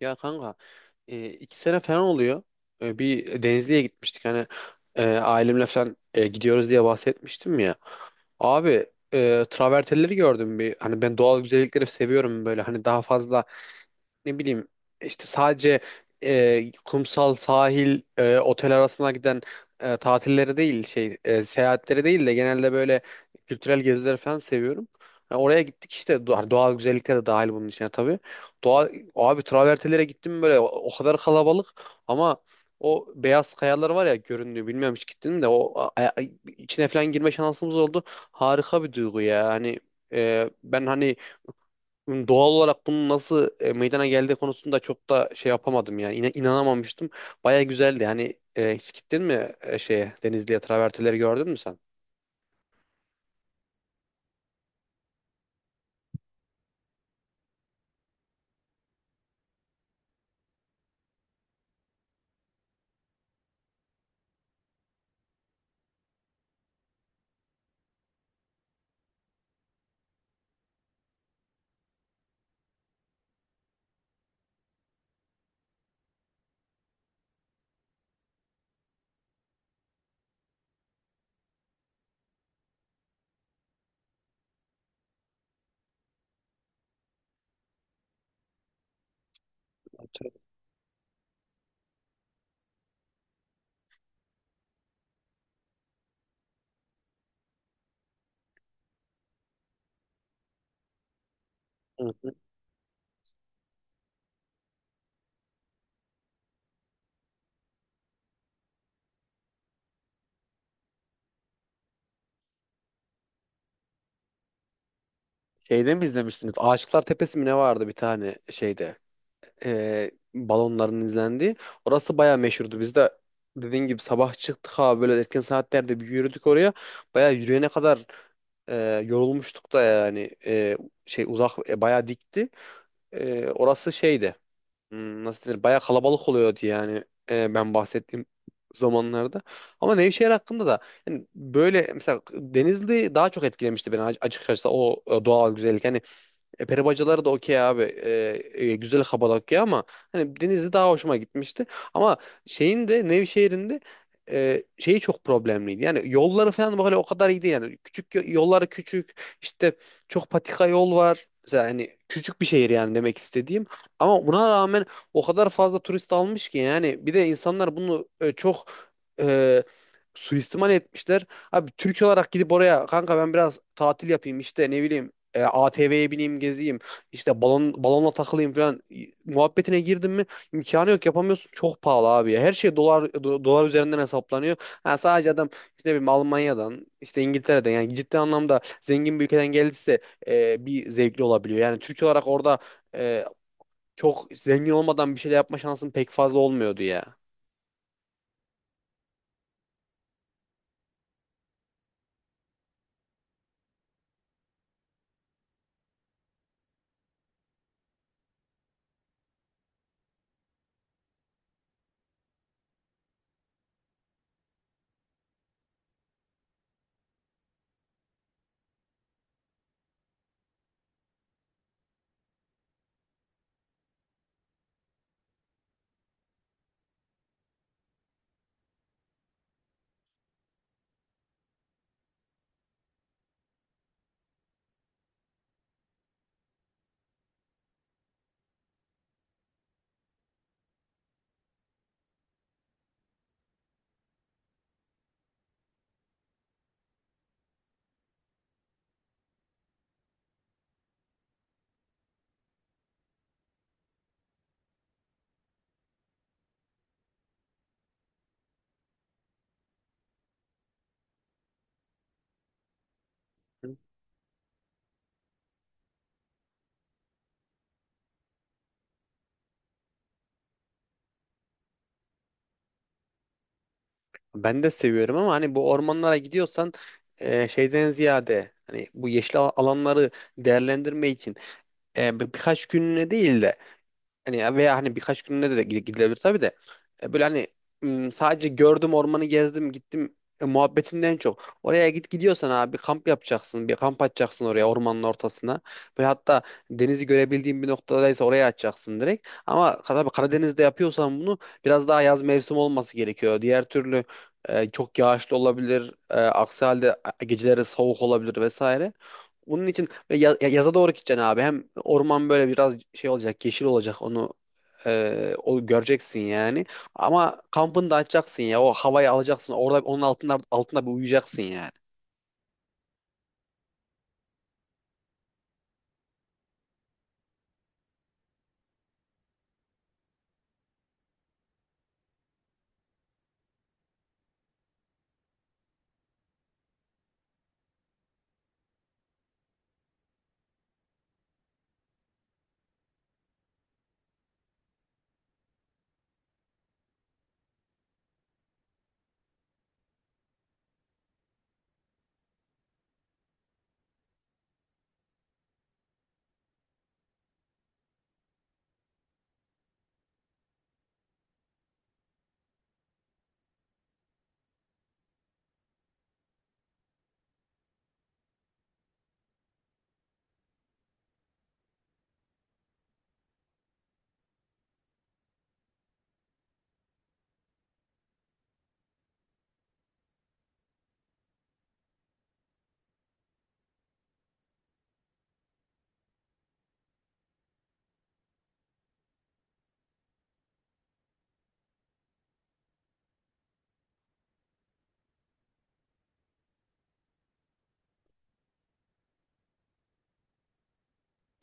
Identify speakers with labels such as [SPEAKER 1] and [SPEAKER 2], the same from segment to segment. [SPEAKER 1] Ya kanka, 2 sene falan oluyor. Bir Denizli'ye gitmiştik hani ailemle falan gidiyoruz diye bahsetmiştim ya. Abi travertenleri gördüm bir hani, ben doğal güzellikleri seviyorum böyle, hani daha fazla, ne bileyim, işte sadece kumsal sahil otel arasına giden tatilleri değil, şey, seyahatleri değil de genelde böyle kültürel gezileri falan seviyorum. Ya oraya gittik işte, doğal güzellikler de dahil bunun içine tabii. Doğa, abi, travertenlere gittim böyle, o kadar kalabalık ama o beyaz kayalar var ya, göründüğü, bilmiyorum, hiç gittin mi? De içine falan girme şansımız oldu. Harika bir duygu ya. Ben hani doğal olarak bunun nasıl meydana geldiği konusunda çok da şey yapamadım, yani inanamamıştım. Baya güzeldi. Hani hiç gittin mi şeye, Denizli'ye, travertenleri gördün mü sen? Evet. Hı hı. Şeyde mi izlemiştiniz? Aşıklar Tepesi mi ne vardı bir tane şeyde? Balonların izlendiği. Orası baya meşhurdu. Biz de dediğin gibi sabah çıktık abi, böyle erken saatlerde bir yürüdük oraya. Baya yürüyene kadar yorulmuştuk da, yani, şey uzak, bayağı dikti. Orası şeydi. Nasıl denir? Bayağı kalabalık oluyordu yani, ben bahsettiğim zamanlarda. Ama Nevşehir hakkında da, yani böyle mesela Denizli daha çok etkilemişti beni, açıkçası o doğal güzellik. Yani peri bacaları da okey abi. Güzel Kabala okey ama hani Denizli daha hoşuma gitmişti. Ama şeyin de, Nevşehir'in de şeyi çok problemliydi. Yani yolları falan böyle o kadar iyi değil. Yani küçük, yolları küçük. İşte çok patika yol var. Mesela hani küçük bir şehir, yani demek istediğim. Ama buna rağmen o kadar fazla turist almış ki, yani bir de insanlar bunu çok e, suistimal etmişler. Abi Türk olarak gidip oraya kanka, ben biraz tatil yapayım işte, ne bileyim, ATV'ye bineyim gezeyim, işte balonla takılayım falan, muhabbetine girdin mi imkanı yok, yapamıyorsun, çok pahalı abi ya. Her şey dolar, dolar üzerinden hesaplanıyor. Ha, sadece adam işte, ne bileyim, Almanya'dan, işte İngiltere'den, yani ciddi anlamda zengin bir ülkeden geldiyse bir zevkli olabiliyor. Yani Türk olarak orada e, çok zengin olmadan bir şeyler yapma şansın pek fazla olmuyordu ya. Ben de seviyorum ama hani bu ormanlara gidiyorsan şeyden ziyade, hani bu yeşil alanları değerlendirme için birkaç günlüğüne değil de, hani veya hani birkaç gününe de gidilebilir tabii de. Böyle hani, sadece gördüm ormanı, gezdim, gittim muhabbetinden çok. Oraya gidiyorsan abi kamp yapacaksın. Bir kamp açacaksın oraya, ormanın ortasına. Böyle hatta denizi görebildiğin bir noktadaysa oraya açacaksın direkt. Ama tabii Karadeniz'de yapıyorsan bunu, biraz daha yaz mevsim olması gerekiyor. Diğer türlü çok yağışlı olabilir. Aksi halde geceleri soğuk olabilir vesaire. Bunun için böyle yaza doğru gideceksin abi. Hem orman böyle biraz şey olacak, yeşil olacak. Onu o göreceksin yani. Ama kampını da açacaksın ya. O havayı alacaksın. Orada onun altında bir uyuyacaksın yani.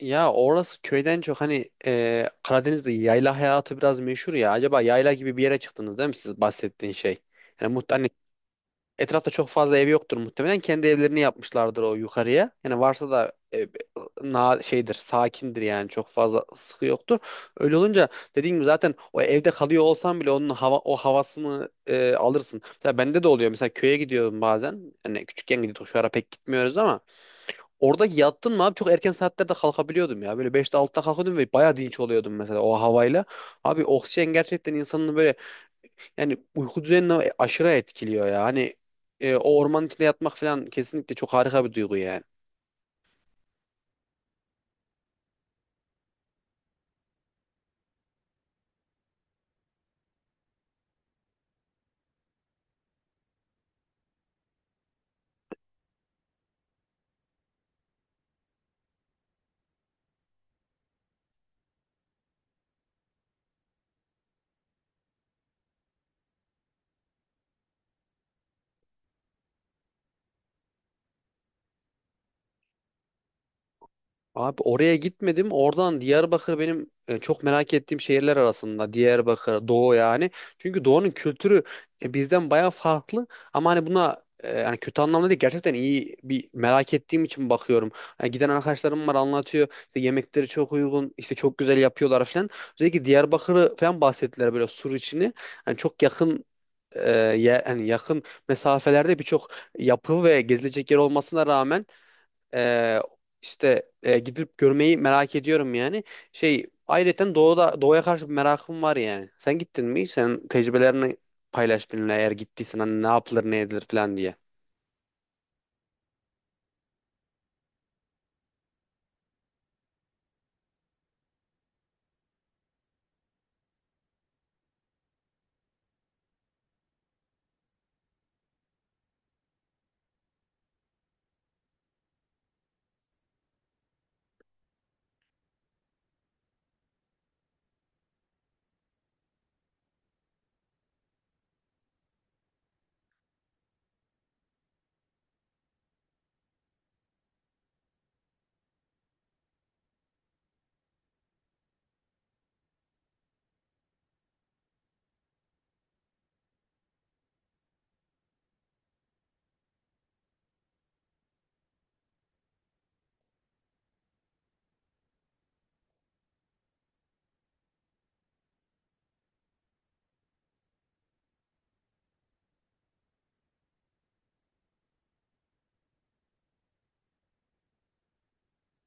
[SPEAKER 1] Ya orası köyden çok, hani Karadeniz'de yayla hayatı biraz meşhur ya. Acaba yayla gibi bir yere çıktınız değil mi siz bahsettiğin şey? Yani muhtemelen etrafta çok fazla ev yoktur muhtemelen. Kendi evlerini yapmışlardır o yukarıya. Yani varsa da na şeydir, sakindir, yani çok fazla sıkı yoktur. Öyle olunca, dediğim gibi, zaten o evde kalıyor olsan bile onun hava, o havasını alırsın. Mesela bende de oluyor. Mesela köye gidiyorum bazen. Hani küçükken gidiyorduk, şu ara pek gitmiyoruz ama orada yattın mı abi çok erken saatlerde kalkabiliyordum ya. Böyle 5'te 6'da kalkıyordum ve bayağı dinç oluyordum mesela o havayla. Abi oksijen gerçekten insanın böyle, yani uyku düzenini aşırı etkiliyor ya. Hani o ormanın içinde yatmak falan kesinlikle çok harika bir duygu yani. Abi oraya gitmedim. Oradan Diyarbakır benim çok merak ettiğim şehirler arasında. Diyarbakır, Doğu yani. Çünkü Doğu'nun kültürü bizden bayağı farklı. Ama hani buna yani kötü anlamda değil. Gerçekten iyi bir merak ettiğim için bakıyorum. Yani giden arkadaşlarım var, anlatıyor. İşte yemekleri çok uygun, işte çok güzel yapıyorlar falan. Özellikle Diyarbakır'ı falan bahsettiler, böyle sur içini. Yani çok yakın, e, hani yakın mesafelerde birçok yapı ve gezilecek yer olmasına rağmen e, gidip görmeyi merak ediyorum yani. Şey, ayrıca doğuda, doğuya karşı bir merakım var yani. Sen gittin mi? Sen tecrübelerini paylaş benimle, eğer gittiysen, hani ne yapılır, ne edilir falan diye.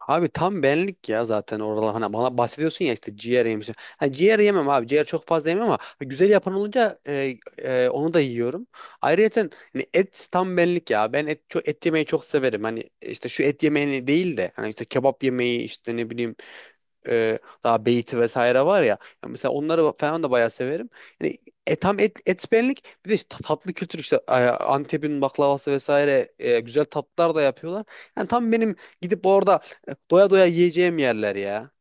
[SPEAKER 1] Abi tam benlik ya, zaten oralar. Hani bana bahsediyorsun ya işte ciğer yemişim. Ha, ciğer yemem abi, ciğer çok fazla yemem ama güzel yapan olunca onu da yiyorum. Ayrıca, hani et tam benlik ya. Ben et, çok, et yemeyi çok severim. Hani işte şu et yemeğini değil de, hani işte kebap yemeği, işte ne bileyim, daha beyti vesaire var ya. Ya mesela onları falan da bayağı severim. Yani tam et, et benlik. Bir de işte tatlı kültür, işte Antep'in baklavası vesaire, güzel tatlılar da yapıyorlar. Yani tam benim gidip orada doya doya yiyeceğim yerler ya.